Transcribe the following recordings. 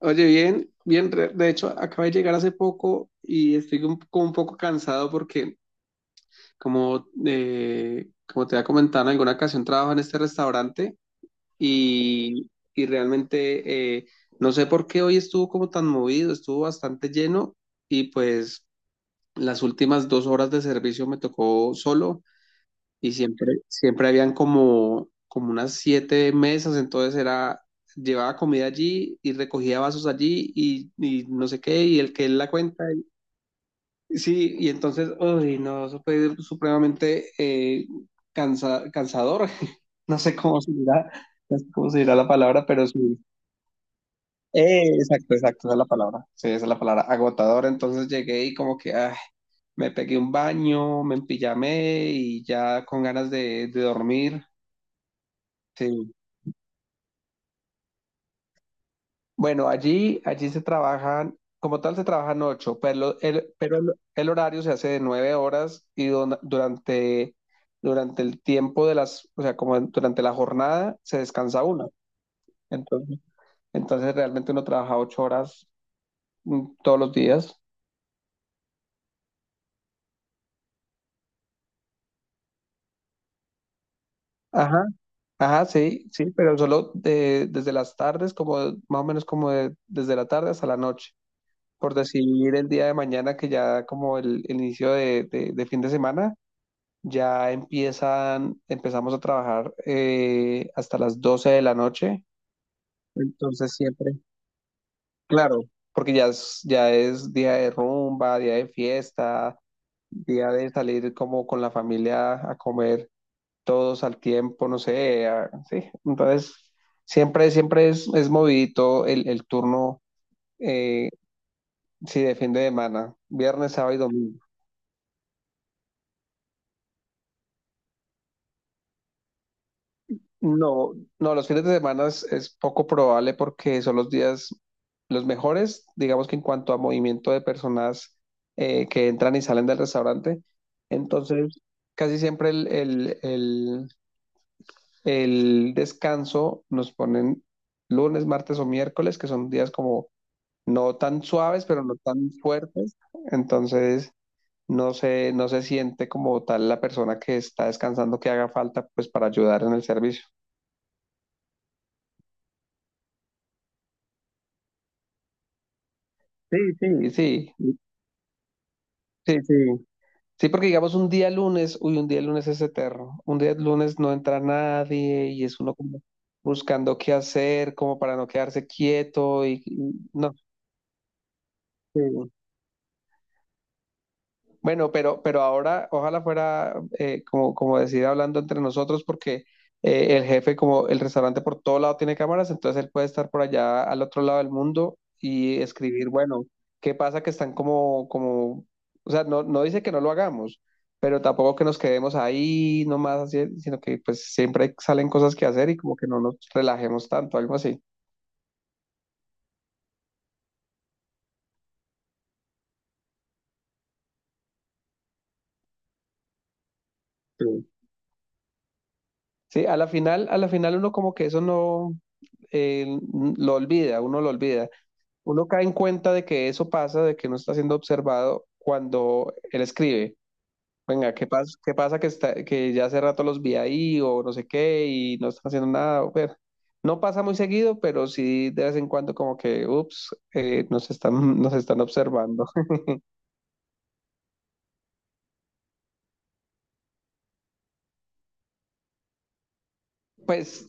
Oye, bien, bien, de hecho acabo de llegar hace poco y estoy como un poco cansado porque como te había comentado en alguna ocasión, trabajo en este restaurante y, y realmente no sé por qué hoy estuvo como tan movido, estuvo bastante lleno y pues las últimas 2 horas de servicio me tocó solo. Y siempre, siempre habían como unas siete mesas, entonces era, llevaba comida allí y recogía vasos allí y no sé qué, y el que él la cuenta. Sí, y entonces, uy, no, eso fue supremamente cansador. No sé cómo se dirá, no sé cómo se dirá la palabra, pero sí. Exacto, exacto, esa es la palabra. Sí, esa es la palabra, agotador. Entonces llegué y como que, ah, me pegué un baño, me empillamé y ya con ganas de dormir. Sí. Bueno, allí se trabajan, como tal se trabajan 8, pero el horario se hace de 9 horas y durante el tiempo de las, o sea, durante la jornada se descansa una. Entonces, entonces realmente uno trabaja 8 horas todos los días. Ajá, ajá, sí, sí, pero solo desde las tardes, como más o menos como desde la tarde hasta la noche. Por decir el día de mañana, que ya como el inicio de fin de semana. Ya empiezan, empezamos a trabajar hasta las 12 de la noche. Entonces siempre, claro, porque ya es día de rumba, día de fiesta, día de salir como con la familia a comer todos al tiempo, no sé, sí. Entonces siempre, siempre es movidito el turno, eh, si depende de semana, viernes, sábado y domingo. No, no, los fines de semana es poco probable porque son los días los mejores, digamos que en cuanto a movimiento de personas que entran y salen del restaurante. Entonces, casi siempre el descanso nos ponen lunes, martes o miércoles, que son días como no tan suaves, pero no tan fuertes. Entonces, no se siente como tal la persona que está descansando que haga falta pues para ayudar en el servicio. Sí, sí, sí. Sí, sí. Sí, porque digamos un día lunes, uy, un día lunes es eterno. Un día lunes no entra nadie y es uno como buscando qué hacer, como para no quedarse quieto no. Sí. Bueno, pero ahora ojalá fuera, como decir hablando entre nosotros, porque el jefe, como el restaurante por todo lado tiene cámaras, entonces él puede estar por allá al otro lado del mundo y escribir, bueno, ¿qué pasa que están o sea, no, no dice que no lo hagamos, pero tampoco que nos quedemos ahí nomás, así, sino que pues siempre salen cosas que hacer y como que no nos relajemos tanto, algo así. Sí. Sí, a la final uno como que eso no, eh, lo olvida. Uno cae en cuenta de que eso pasa, de que no está siendo observado cuando él escribe. Venga, ¿qué pasa? ¿Qué pasa que está, que ya hace rato los vi ahí o no sé qué y no están haciendo nada? O ver, no pasa muy seguido, pero sí de vez en cuando como que, ups, nos están, nos están observando. Pues,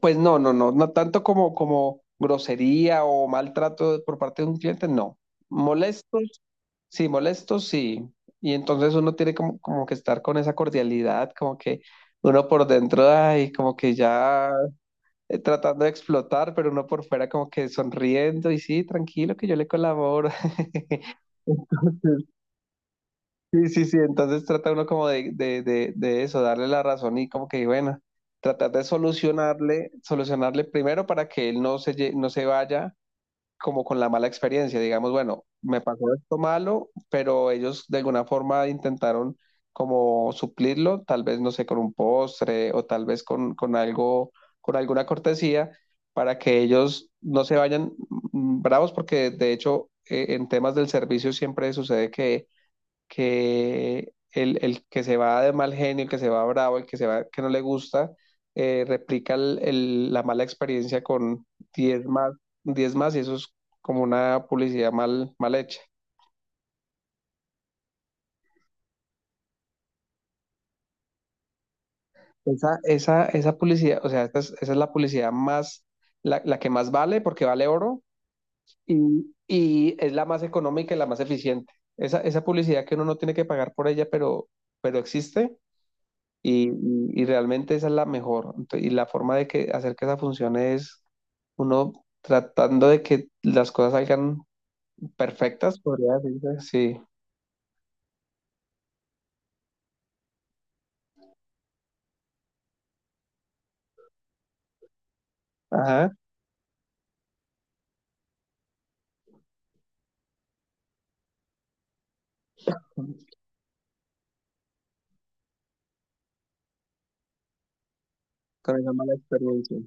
pues no, no, no, no tanto como, como grosería o maltrato por parte de un cliente, no. Molestos, sí, molesto, sí. Y entonces uno tiene como que estar con esa cordialidad, como que uno por dentro, ay, como que ya tratando de explotar, pero uno por fuera como que sonriendo y sí, tranquilo que yo le colaboro. Sí, sí, sí, entonces trata uno como de eso, darle la razón y como que, bueno, tratar de solucionarle primero para que él no se vaya como con la mala experiencia, digamos, bueno, me pasó esto malo, pero ellos de alguna forma intentaron como suplirlo, tal vez, no sé, con un postre o tal vez con algo, con alguna cortesía para que ellos no se vayan bravos, porque de hecho en temas del servicio siempre sucede que el que se va de mal genio, el que se va bravo, el que se va que no le gusta, replica la mala experiencia con 10 más, 10 más y eso es como una publicidad mal, mal hecha. Esa publicidad, o sea, esa es la publicidad más, la que más vale porque vale oro y es la más económica y la más eficiente. Esa publicidad que uno no tiene que pagar por ella, pero existe, y realmente esa es la mejor. Y la forma de que hacer que esa funcione es uno tratando de que las cosas salgan perfectas, podría decirse. Sí, ajá, con esa mala experiencia.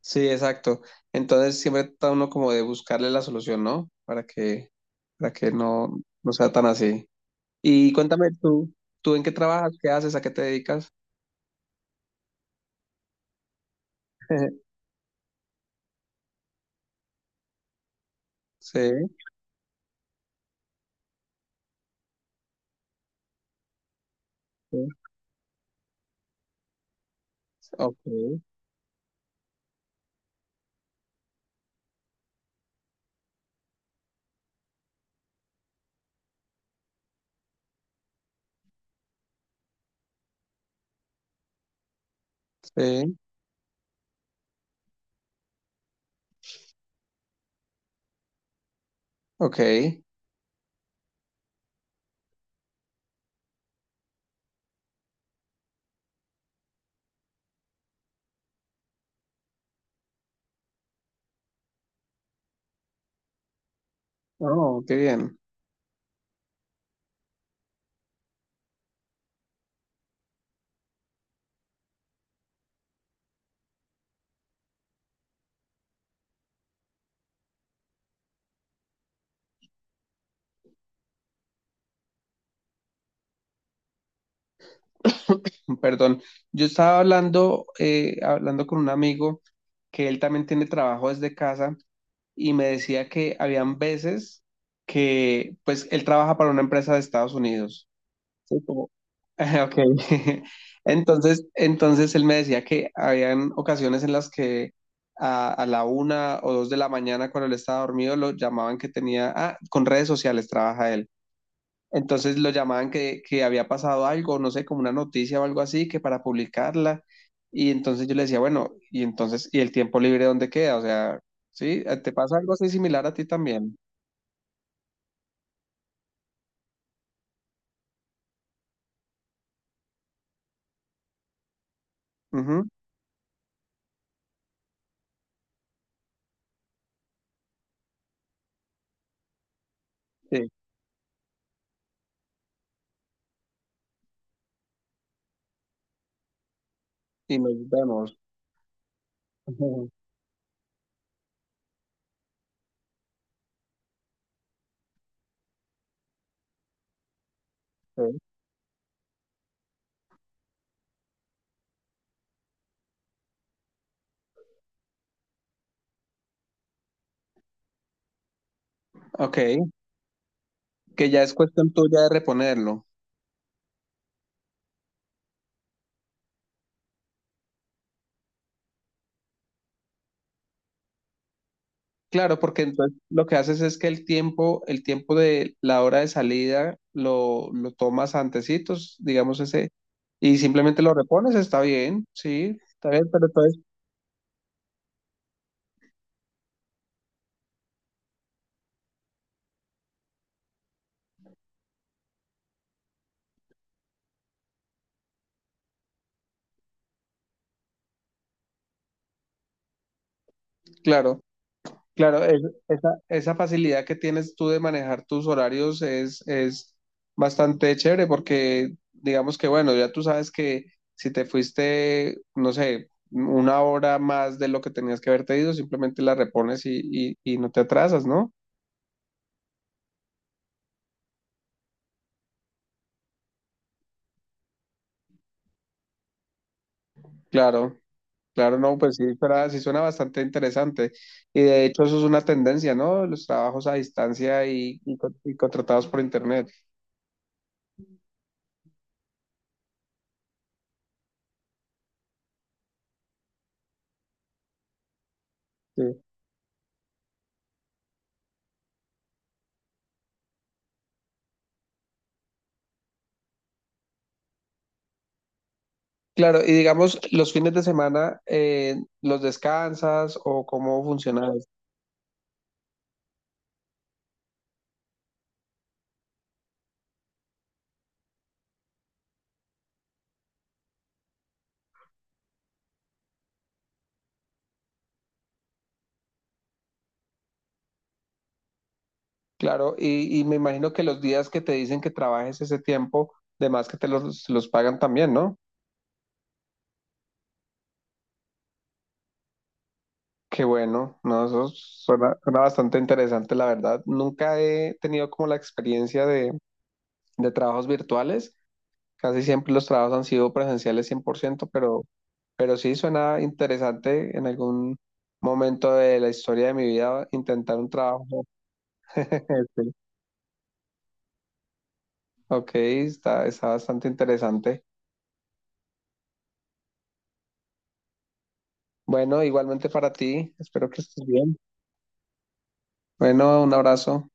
Sí, exacto. Entonces siempre trata uno como de buscarle la solución, ¿no? Para que no, no sea tan así. Y cuéntame tú, ¿tú en qué trabajas? ¿Qué haces? ¿A qué te dedicas? Sí, sí, ok, sí, ok. Oh, qué bien. Perdón, yo estaba hablando con un amigo que él también tiene trabajo desde casa y me decía que habían veces que, pues, él trabaja para una empresa de Estados Unidos. Sí, Ok. Entonces él me decía que habían ocasiones en las que a la 1 o 2 de la mañana cuando él estaba dormido lo llamaban que tenía, ah, con redes sociales trabaja él entonces lo llamaban que había pasado algo, no sé, como una noticia o algo así, que para publicarla. Y entonces yo le decía, bueno, y entonces, ¿y el tiempo libre dónde queda? O sea, ¿sí? ¿Te pasa algo así similar a ti también? Ujú, sí, y nos vemos. Ujú, sí. Ok, que ya es cuestión tuya de reponerlo. Claro, porque entonces lo que haces es que el tiempo de la hora de salida lo tomas antecitos, digamos ese, y simplemente lo repones, está bien, sí, está bien, pero entonces claro, claro, esa facilidad que tienes tú de manejar tus horarios es bastante chévere porque digamos que bueno, ya tú sabes que si te fuiste, no sé, 1 hora más de lo que tenías que haberte ido, simplemente la repones y no te atrasas, ¿no? Claro, claro, no, pues sí, pero sí suena bastante interesante. Y de hecho claro, y digamos, los fines de semana, ¿los descansas o cómo funciona eso? Claro, y me imagino que los días que te dicen que trabajes ese tiempo, de más que te los pagan también, ¿no? Qué bueno, ¿no? Eso suena bastante interesante, la verdad. Nunca he tenido como la experiencia de trabajos virtuales, casi siempre los trabajos han sido presenciales 100%, pero sí suena interesante en algún momento de la historia de mi vida intentar un trabajo. Ok, está, está bastante interesante. Bueno, igualmente para ti, espero que estés bien. Bueno, un abrazo.